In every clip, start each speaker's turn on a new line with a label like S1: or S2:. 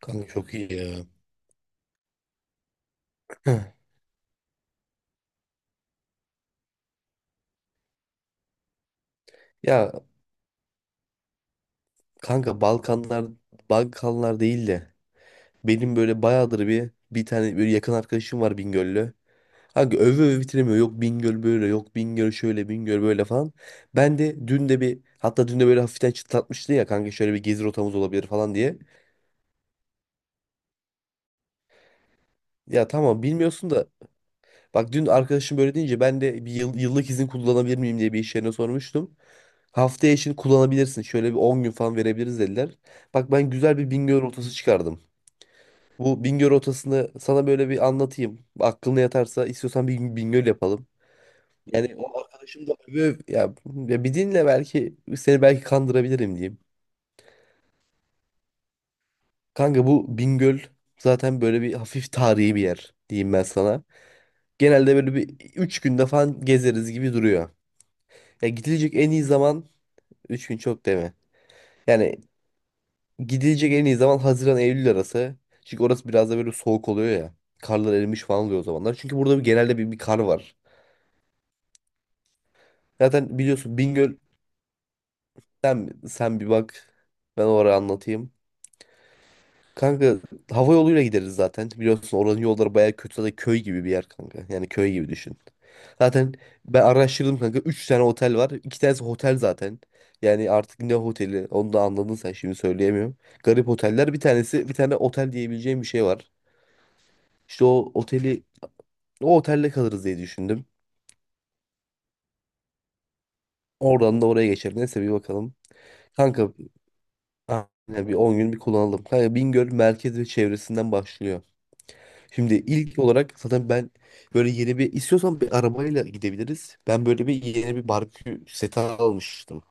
S1: Kanka çok iyi ya. Heh. Ya kanka Balkanlar Balkanlar değil de benim böyle bayağıdır bir tane böyle yakın arkadaşım var Bingöl'lü. Kanka öve öve bitiremiyor. Yok Bingöl böyle, yok Bingöl şöyle, Bingöl böyle falan. Ben de dün de böyle hafiften çıtlatmıştı ya kanka şöyle bir gezi rotamız olabilir falan diye. Ya tamam bilmiyorsun da. Bak dün arkadaşım böyle deyince ben de bir yıllık izin kullanabilir miyim diye bir iş yerine sormuştum. Haftaya için kullanabilirsin. Şöyle bir 10 gün falan verebiliriz dediler. Bak ben güzel bir Bingöl rotası çıkardım. Bu Bingöl rotasını sana böyle bir anlatayım. Aklına yatarsa istiyorsan bir gün Bingöl yapalım. Yani o arkadaşım da öve öve- ya, ya bir dinle, belki seni belki kandırabilirim diyeyim. Kanka bu Bingöl zaten böyle bir hafif tarihi bir yer diyeyim ben sana. Genelde böyle bir 3 günde falan gezeriz gibi duruyor. Ya gidilecek en iyi zaman Üç gün çok değil mi? Yani gidilecek en iyi zaman Haziran Eylül arası. Çünkü orası biraz da böyle soğuk oluyor ya. Karlar erimiş falan oluyor o zamanlar. Çünkü burada genelde bir kar var. Zaten biliyorsun Bingöl sen bir bak. Ben oraya anlatayım. Kanka hava yoluyla gideriz zaten. Biliyorsun oranın yolları bayağı kötü. Zaten köy gibi bir yer kanka. Yani köy gibi düşün. Zaten ben araştırdım kanka. 3 tane otel var. 2 tanesi otel zaten. Yani artık ne oteli onu da anladın sen şimdi söyleyemiyorum. Garip oteller, bir tanesi bir tane otel diyebileceğim bir şey var. İşte o oteli, o otelde kalırız diye düşündüm. Oradan da oraya geçer. Neyse bir bakalım. Kanka aynen bir 10 gün bir kullanalım. Kanka Bingöl merkez ve çevresinden başlıyor. Şimdi ilk olarak zaten ben böyle yeni bir istiyorsan bir arabayla gidebiliriz. Ben böyle bir yeni bir barbekü seti almıştım.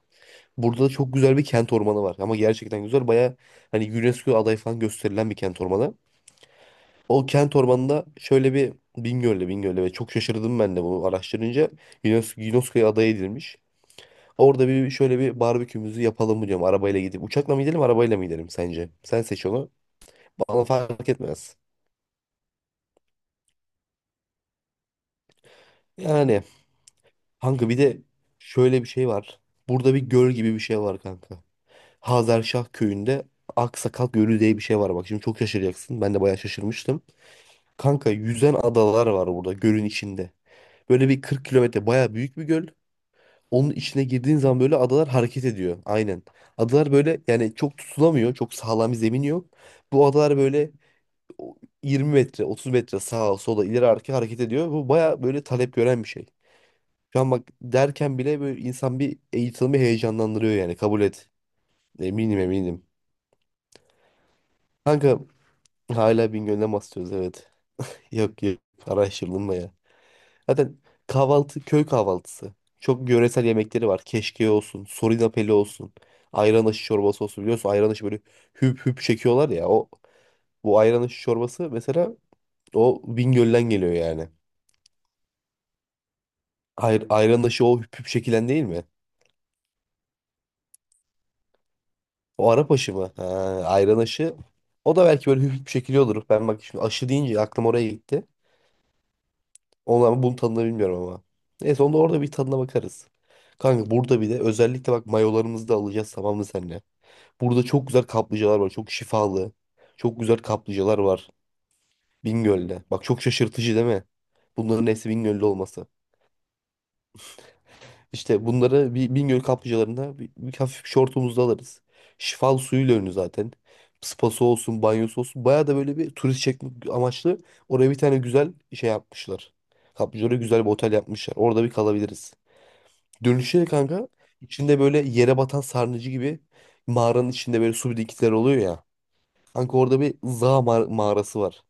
S1: Burada da çok güzel bir kent ormanı var, ama gerçekten güzel. Baya hani UNESCO adayı falan gösterilen bir kent ormanı. O kent ormanında şöyle bir Bingöl'le ve çok şaşırdım ben de bunu araştırınca UNESCO'ya aday edilmiş. Orada bir şöyle bir barbekümüzü yapalım mı diyorum arabayla gidip. Uçakla mı gidelim, arabayla mı gidelim sence? Sen seç onu. Bana fark etmez. Yani kanka bir de şöyle bir şey var. Burada bir göl gibi bir şey var kanka. Hazarşah köyünde Aksakal Gölü diye bir şey var bak. Şimdi çok şaşıracaksın. Ben de bayağı şaşırmıştım. Kanka yüzen adalar var burada gölün içinde. Böyle bir 40 kilometre, bayağı büyük bir göl. Onun içine girdiğin zaman böyle adalar hareket ediyor. Aynen. Adalar böyle yani çok tutulamıyor. Çok sağlam bir zemin yok. Bu adalar böyle o 20 metre, 30 metre sağa sola ileri arka hareket ediyor. Bu bayağı böyle talep gören bir şey. Şu an bak derken bile böyle insan bir eğitimi heyecanlandırıyor yani, kabul et. Eminim eminim. Kanka hala Bingöl'den bahsediyoruz evet. Yok yok, araştırdım da ya. Zaten kahvaltı köy kahvaltısı. Çok yöresel yemekleri var. Keşke olsun, sorinapeli olsun, ayran aşı çorbası olsun. Biliyorsun ayran aşı böyle hüp hüp çekiyorlar ya. Bu ayran aşı çorbası mesela o Bingöl'den geliyor yani. Ayran aşı o hüp hüp çekilen değil mi? O Arap aşı mı? Ha, Ayran aşı. O da belki böyle hafif bir şekilde olur. Ben bak, şimdi aşı deyince aklım oraya gitti. Onu ama bunun tadını bilmiyorum ama. Neyse onda orada bir tadına bakarız. Kanka burada bir de özellikle bak, mayolarımızı da alacağız tamam mı seninle? Burada çok güzel kaplıcalar var. Çok şifalı. Çok güzel kaplıcalar var. Bingöl'de. Bak çok şaşırtıcı değil mi? Bunların hepsi Bingöl'de olması. İşte bunları bir Bingöl kaplıcalarında bir hafif şortumuzda alırız. Şifalı suyuyla ünlü zaten. Spası olsun, banyosu olsun. Baya da böyle bir turist çekmek amaçlı oraya bir tane güzel şey yapmışlar. Kaplıcalara güzel bir otel yapmışlar. Orada bir kalabiliriz. Dönüşte de kanka içinde böyle yere batan sarnıcı gibi, mağaranın içinde böyle su birikintileri oluyor ya. Kanka orada bir Za mağarası var.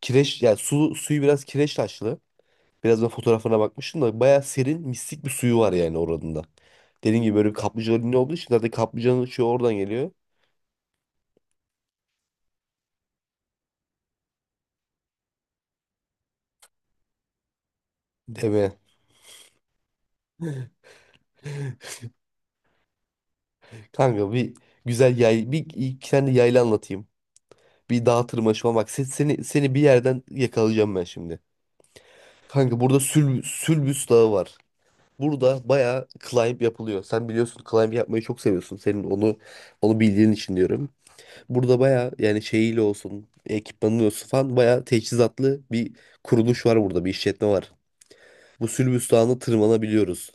S1: Kireç, yani suyu biraz kireç taşlı. Biraz ben fotoğraflarına bakmıştım da bayağı serin mistik bir suyu var yani oranın da. Dediğim gibi böyle bir kaplıca önünde olduğu için zaten kaplıcanın şu oradan geliyor. Deme. Kanka bir iki tane yayla anlatayım. Bir dağ tırmanışı falan bak, seni bir yerden yakalayacağım ben şimdi. Kanka burada Sülbüs Dağı var. Burada bayağı climb yapılıyor. Sen biliyorsun climb yapmayı çok seviyorsun. Senin onu bildiğin için diyorum. Burada baya yani şeyiyle olsun, ekipmanı olsun falan baya teçhizatlı bir kuruluş var burada, bir işletme var. Bu Sülbüs Dağı'na tırmanabiliyoruz.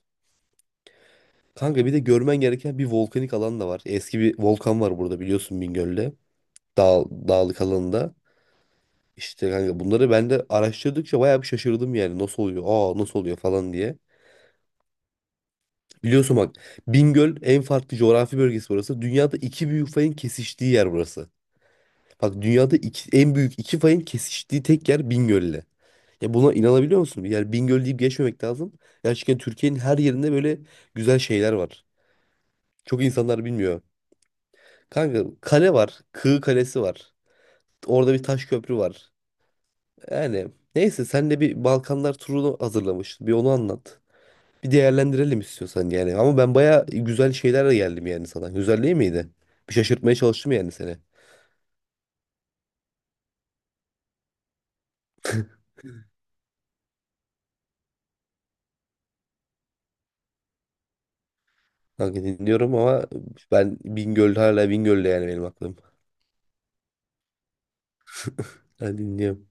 S1: Kanka bir de görmen gereken bir volkanik alan da var. Eski bir volkan var burada biliyorsun Bingöl'de. Dağlık alanında. İşte kanka bunları ben de araştırdıkça bayağı bir şaşırdım yani. Nasıl oluyor? Aa nasıl oluyor falan diye. Biliyorsun bak, Bingöl en farklı coğrafi bölgesi burası. Dünyada iki büyük fayın kesiştiği yer burası. Bak dünyada en büyük iki fayın kesiştiği tek yer Bingöl'le. Ya buna inanabiliyor musun? Yani Bingöl deyip geçmemek lazım. Gerçekten Türkiye'nin her yerinde böyle güzel şeyler var. Çok insanlar bilmiyor. Kanka kale var. Kığı Kalesi var. Orada bir taş köprü var. Yani neyse sen de bir Balkanlar turunu hazırlamıştın. Bir onu anlat. Bir değerlendirelim istiyorsan yani. Ama ben baya güzel şeylerle geldim yani sana. Güzel değil miydi? Bir şaşırtmaya çalıştım yani seni. Kanka dinliyorum ama ben Bingöl, hala Bingöl'de yani benim aklım. Ben dinliyorum.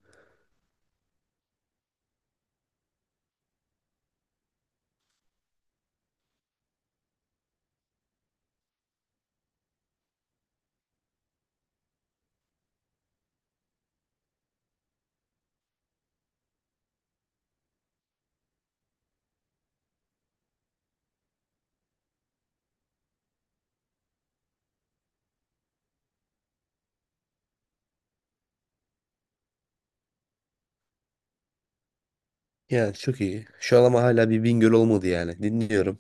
S1: Ya çok iyi. Şu an ama hala bir Bingöl olmadı yani. Dinliyorum.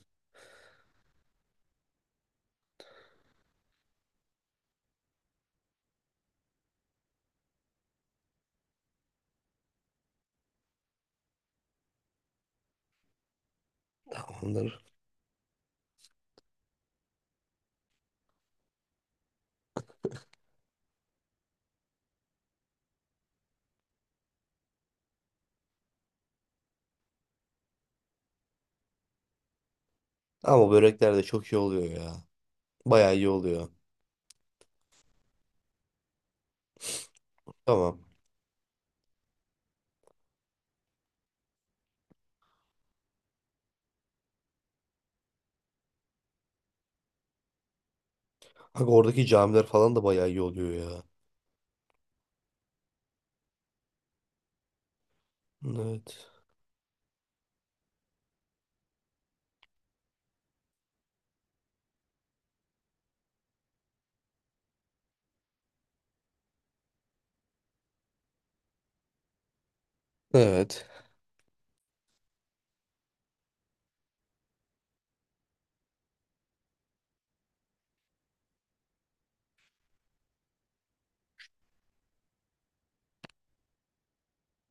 S1: Tamamdır. Ama börekler de çok iyi oluyor ya. Bayağı iyi oluyor. Tamam. Bak oradaki camiler falan da bayağı iyi oluyor ya. Evet. Evet.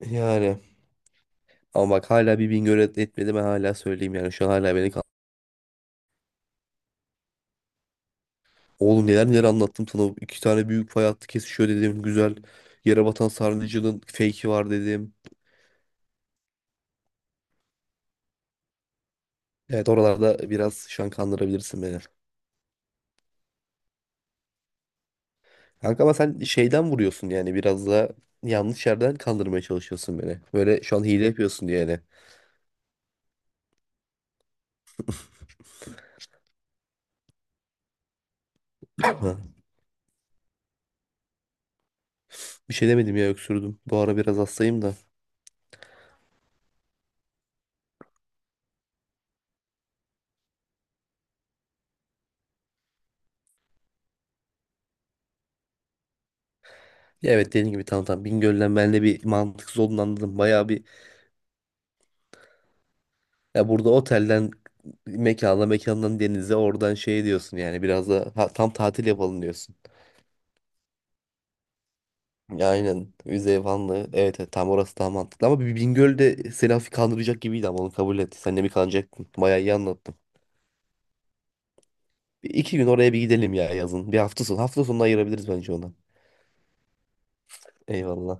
S1: Yani. Ama bak hala bir Bingöl etmedi ben hala söyleyeyim yani. Şu an hala beni oğlum neler neler anlattım sana. İki tane büyük fay hattı kesişiyor dedim. Güzel. Yerebatan Sarnıcı'nın fake'i var dedim. Evet oralarda biraz şu an kandırabilirsin beni. Kanka ama sen şeyden vuruyorsun yani biraz da yanlış yerden kandırmaya çalışıyorsun beni. Böyle şu an hile yapıyorsun diye yani. Ha, bir şey demedim ya, öksürdüm. Bu ara biraz hastayım da. Ya evet dediğin gibi, tamam tamam Bingöl'den ben de bir mantıksız olduğunu anladım. Bayağı bir, ya burada otelden mekana, mekandan denize, oradan şey diyorsun yani biraz da tam tatil yapalım diyorsun. Ya aynen Üzey Vanlı evet, evet tam orası daha mantıklı ama bir Bingöl'de seni hafif kandıracak gibiydi, ama onu kabul et. Sen de mi kandıracaktın? Bayağı iyi anlattın. Bir iki gün oraya bir gidelim ya yazın. Bir hafta sonu. Hafta sonunu ayırabiliriz bence ona. Eyvallah.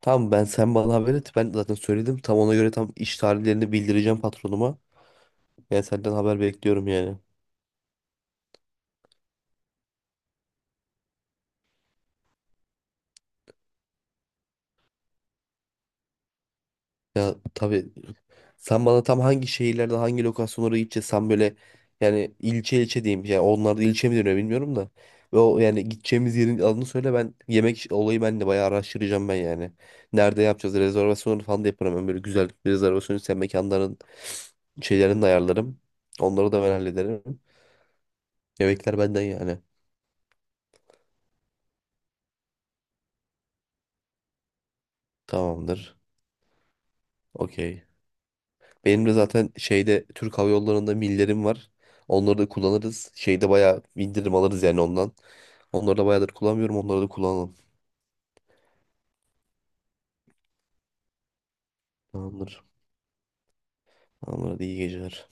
S1: Tamam ben, sen bana haber et. Ben zaten söyledim. Tam ona göre tam iş tarihlerini bildireceğim patronuma. Ben senden haber bekliyorum yani. Ya tabii. Sen bana tam hangi şehirlerde hangi lokasyonlara gideceğiz? Sen böyle yani ilçe ilçe diyeyim. Yani onlar da ilçe mi deniyor bilmiyorum da. Ve o yani gideceğimiz yerin adını söyle, ben yemek olayı ben de bayağı araştıracağım ben yani. Nerede yapacağız? Rezervasyonları falan da yaparım. Ben böyle güzel bir rezervasyon isteyen mekanların şeylerini de ayarlarım. Onları da ben hallederim. Yemekler benden yani. Tamamdır. Okey. Benim de zaten şeyde Türk Hava Yolları'nda millerim var. Onları da kullanırız. Şeyde bayağı indirim alırız yani ondan. Onları da bayağıdır kullanmıyorum. Onları da kullanalım. Tamamdır. Tamamdır. Hadi iyi geceler.